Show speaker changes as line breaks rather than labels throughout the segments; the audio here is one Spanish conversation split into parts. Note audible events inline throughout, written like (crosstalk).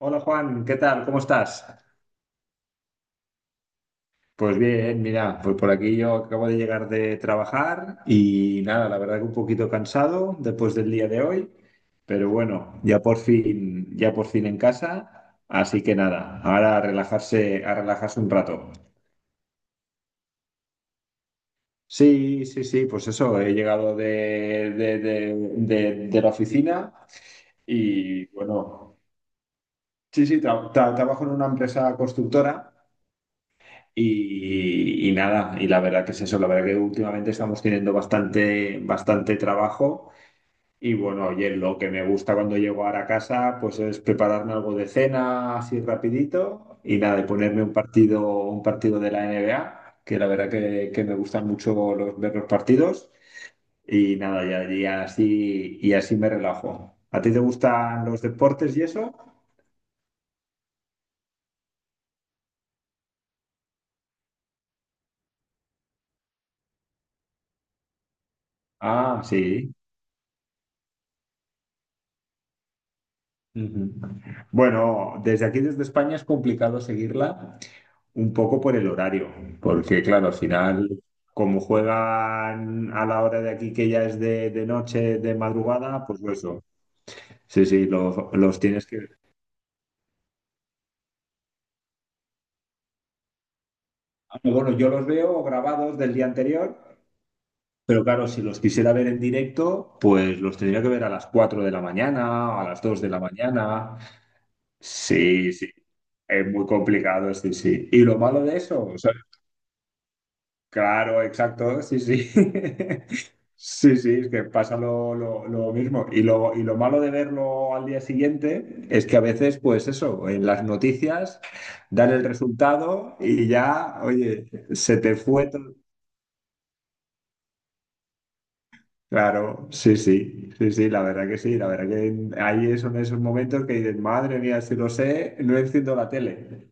Hola Juan, ¿qué tal? ¿Cómo estás? Pues bien, mira, pues por aquí yo acabo de llegar de trabajar y nada, la verdad que un poquito cansado después del día de hoy, pero bueno, ya por fin en casa, así que nada, ahora a relajarse un rato. Sí, sí, sí, pues eso, he llegado de la oficina y bueno, sí, sí, trabajo en una empresa constructora. Y nada, y la verdad que es eso, la verdad que últimamente estamos teniendo bastante, bastante trabajo y bueno, oye, lo que me gusta cuando llego ahora a casa pues es prepararme algo de cena así rapidito y nada, y ponerme un partido de la NBA, que la verdad que me gustan mucho los, ver los partidos y nada, ya, y así me relajo. ¿A ti te gustan los deportes y eso? Ah, sí. Ujú. Bueno, desde aquí, desde España, es complicado seguirla un poco por el horario, porque claro, al final, como juegan a la hora de aquí que ya es de noche, de madrugada, pues eso. Sí, sí, los tienes que... Ah, bueno, yo los veo grabados del día anterior, pero claro, si los quisiera ver en directo, pues los tendría que ver a las 4 de la mañana, a las 2 de la mañana. Sí, sí. Es muy complicado, sí, sí. Y lo malo de eso, claro, exacto, sí, sí. (laughs) Sí, sí, es que pasa lo mismo. Y lo malo de verlo al día siguiente es que a veces, pues eso, en las noticias dan el resultado y ya, oye, se te fue todo. Claro, sí, sí, sí, sí, la verdad que sí, la verdad que ahí son esos momentos que dices, madre mía, si lo sé, no enciendo la tele.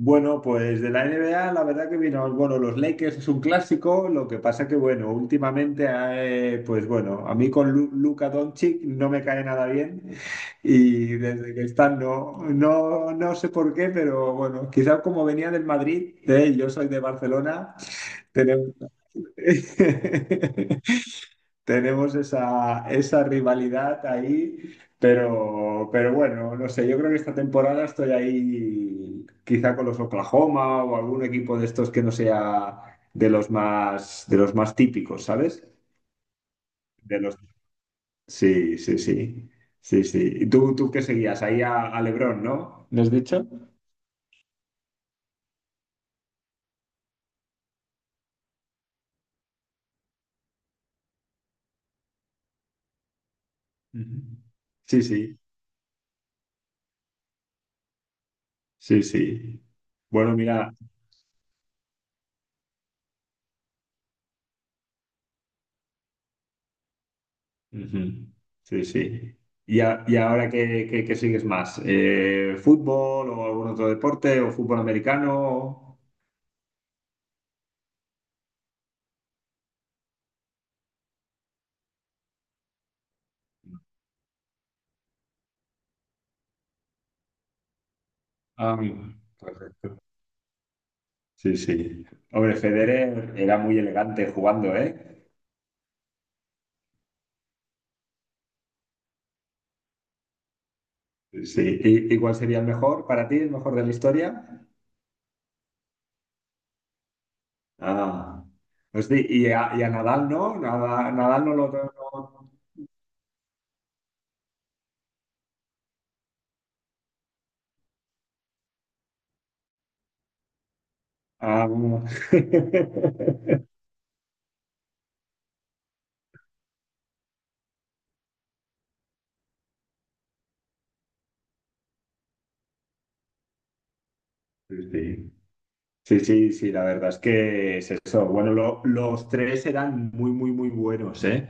Bueno, pues de la NBA, la verdad que vino, bueno, los Lakers es un clásico, lo que pasa que, bueno, últimamente, pues bueno, a mí con Luka Doncic no me cae nada bien y desde que están, no, no, no sé por qué, pero bueno, quizás como venía del Madrid, yo soy de Barcelona, tenemos... (laughs) tenemos esa, esa rivalidad ahí, pero bueno, no sé, yo creo que esta temporada estoy ahí quizá con los Oklahoma o algún equipo de estos que no sea de los más típicos, ¿sabes? De los... Sí, sí, sí, sí, sí. ¿Y tú qué seguías? Ahí a LeBron, ¿no? ¿Lo has dicho? Ujú. Sí, sí, sí, sí. Bueno, mira, ujú. Sí, sí. ¿Y, a- y ahora qué, qué sigues más? ¿Fútbol o algún otro deporte o fútbol americano? Ah, correcto. Sí, sí. Hombre, Federer era muy elegante jugando, ¿eh? Sí. Sí. Y cuál sería el mejor para ti, el mejor de la historia? Ah. Hostia, y a Nadal, ¿no? Nadal no lo... no. Ah, (laughs) sí, sí. Sí, sí, sí, la verdad es que es eso. Bueno, los tres eran muy, muy, muy buenos, ¿eh?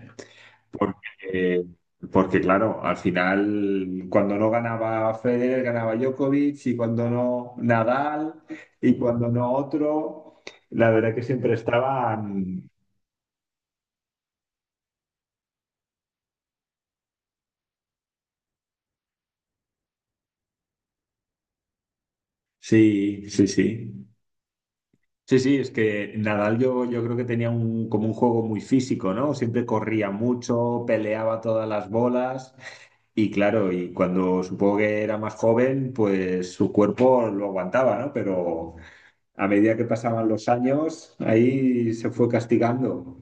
Porque, porque, claro, al final, cuando no ganaba Federer, ganaba Djokovic, y cuando no Nadal, y cuando no otro, la verdad que siempre estaban. Sí, sí, sí. Sí, sí, es que Nadal yo, yo creo que tenía un, como un juego muy físico, ¿no? Siempre corría mucho, peleaba todas las bolas y claro, y cuando supongo que era más joven, pues su cuerpo lo aguantaba, ¿no? Pero a medida que pasaban los años, ahí se fue castigando.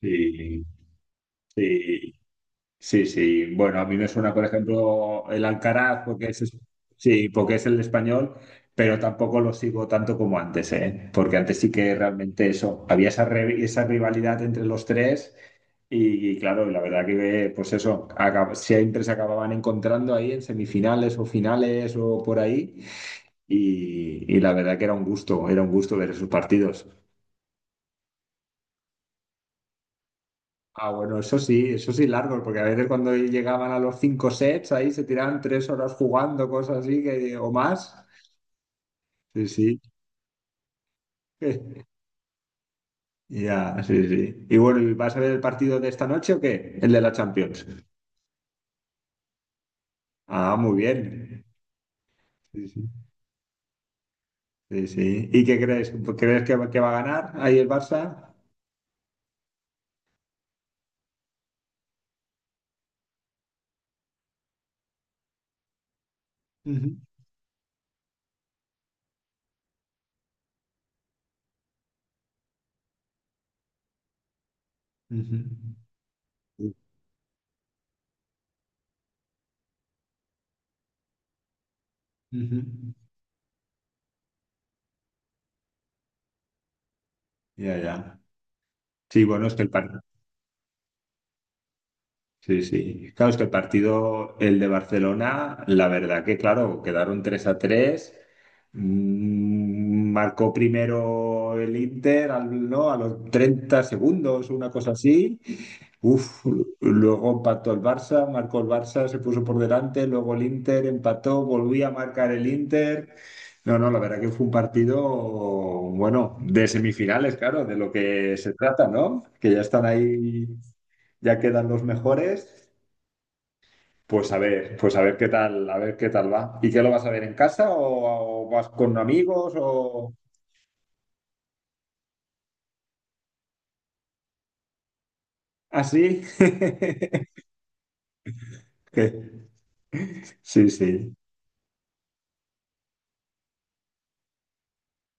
Sí, sí. Sí, sí. Bueno, a mí me suena, por ejemplo, el Alcaraz, porque es, sí, porque es el español, pero tampoco lo sigo tanto como antes, ¿eh? Porque antes sí que realmente eso, había esa, esa rivalidad entre los tres y, claro, la verdad que, pues eso, siempre se acababan encontrando ahí en semifinales o finales o por ahí y la verdad que era un gusto ver esos partidos. Ah, bueno, eso sí largo, porque a veces cuando llegaban a los 5 sets ahí se tiraban 3 horas jugando, cosas así que, o más. Sí, sí. (laughs) Ya, sí, sí. Y bueno, ¿y ¿vas a ver el partido de esta noche o qué? El de la Champions. Ah, muy bien. Sí, sí. Sí, sí. ¿Y qué crees? ¿Crees que va a ganar ahí el Barça? Ujú, ujú, ujú. Ya, ya. Sí, bueno, es que el partido. Sí, sí. Claro, es que el partido, el de Barcelona, la verdad que, claro, quedaron 3-3. Mm, marcó primero el Inter, al- ¿no? A los 30 segundos, una cosa así. Uf, luego empató el Barça, marcó el Barça, se puso por delante, luego el Inter empató, volvía a marcar el Inter. No, no, la verdad que fue un partido, bueno, de semifinales, claro, de lo que se trata, ¿no? Que ya están ahí ya quedan los mejores. Pues a ver qué tal, a ver qué tal va. ¿Y qué lo vas a ver en casa o vas con amigos o así? (laughs) Sí, sí.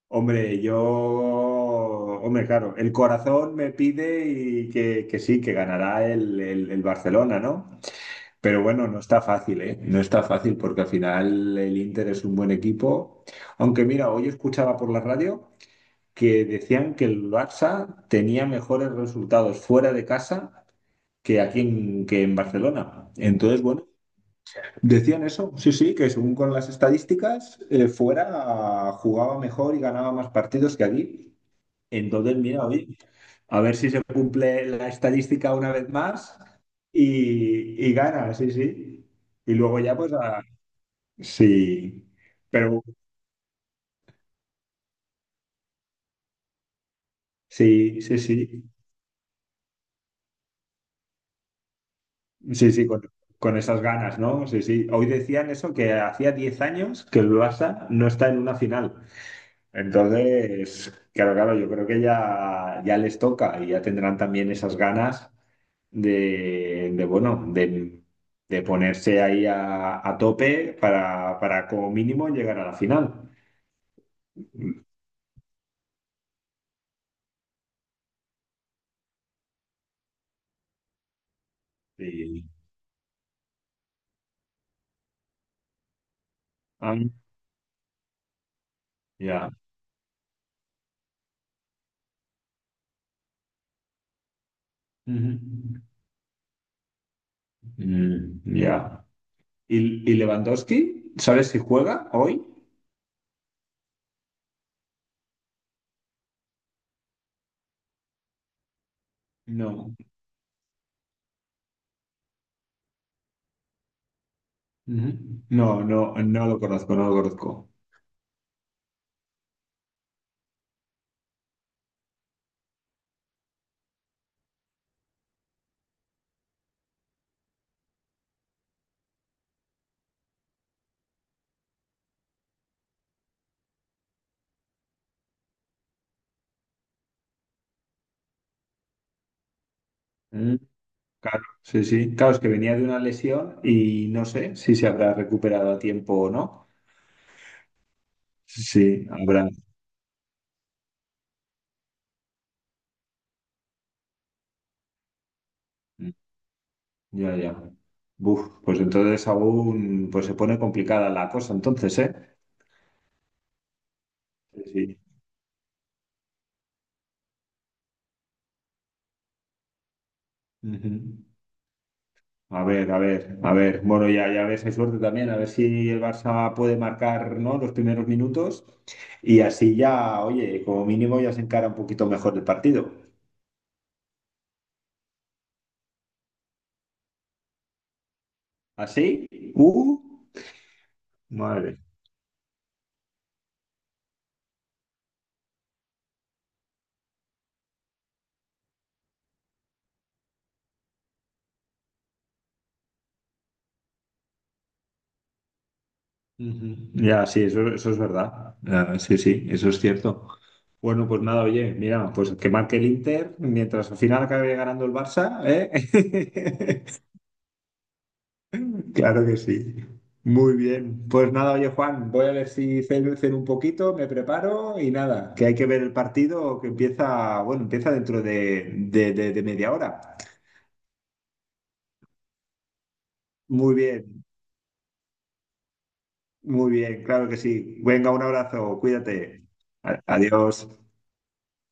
Hombre, yo, hombre, claro, el corazón me pide y que sí, que ganará el, el Barcelona, ¿no? Pero bueno, no está fácil, ¿eh? No está fácil porque al final el Inter es un buen equipo. Aunque mira, hoy escuchaba por la radio. Que decían que el Barça tenía mejores resultados fuera de casa que aquí en, que en Barcelona. Entonces, bueno, decían eso, sí, sí, que según con las estadísticas, fuera jugaba mejor y ganaba más partidos que aquí. Entonces, mira, oye, a ver si se cumple la estadística una vez más y gana, sí, sí. Y luego ya, pues, a- sí, pero sí, sí, sí. Sí, sí, con esas ganas, ¿no? Sí, sí. Hoy decían eso, que hacía 10 años que el Barça no está en una final. Entonces, claro, claro, yo creo que ya, ya les toca y ya tendrán también esas ganas de, bueno, de ponerse ahí a tope para como mínimo llegar a la final. Sí. Ah, ya. Ujú. Mm, ya. Y Lewandowski? ¿Sabes si juega hoy? No. Ujú. No, no, no lo conozco, no lo conozco. Mm, claro, sí, sí. Claro, es que venía de una lesión y no sé si se habrá recuperado a tiempo o no. Sí, habrá. Mm, ya, ya. Buf, pues entonces aún pues se pone complicada la cosa, entonces, ¿eh? Sí, sí. Ujú. A ver, a ver, a ver. Bueno, ya, ya ves, hay suerte también, a ver si el Barça puede marcar, ¿no? Los primeros minutos y así ya, oye, como mínimo ya se encara un poquito mejor el partido. ¿Así? Uh, madre. Ujú. Ya, sí, eso es verdad. Ah, sí, sí, eso es cierto. Bueno, pues nada, oye, mira, pues que marque el Inter mientras al final acabe ganando el Barça, ¿eh? (laughs) Claro que sí. Muy bien. Pues nada, oye, Juan, voy a ver si ceno, ceno un poquito, me preparo y nada, que hay que ver el partido que empieza, bueno, empieza dentro de, de media hora. Muy bien, muy bien, claro que sí. Venga, un abrazo, cuídate. Adiós.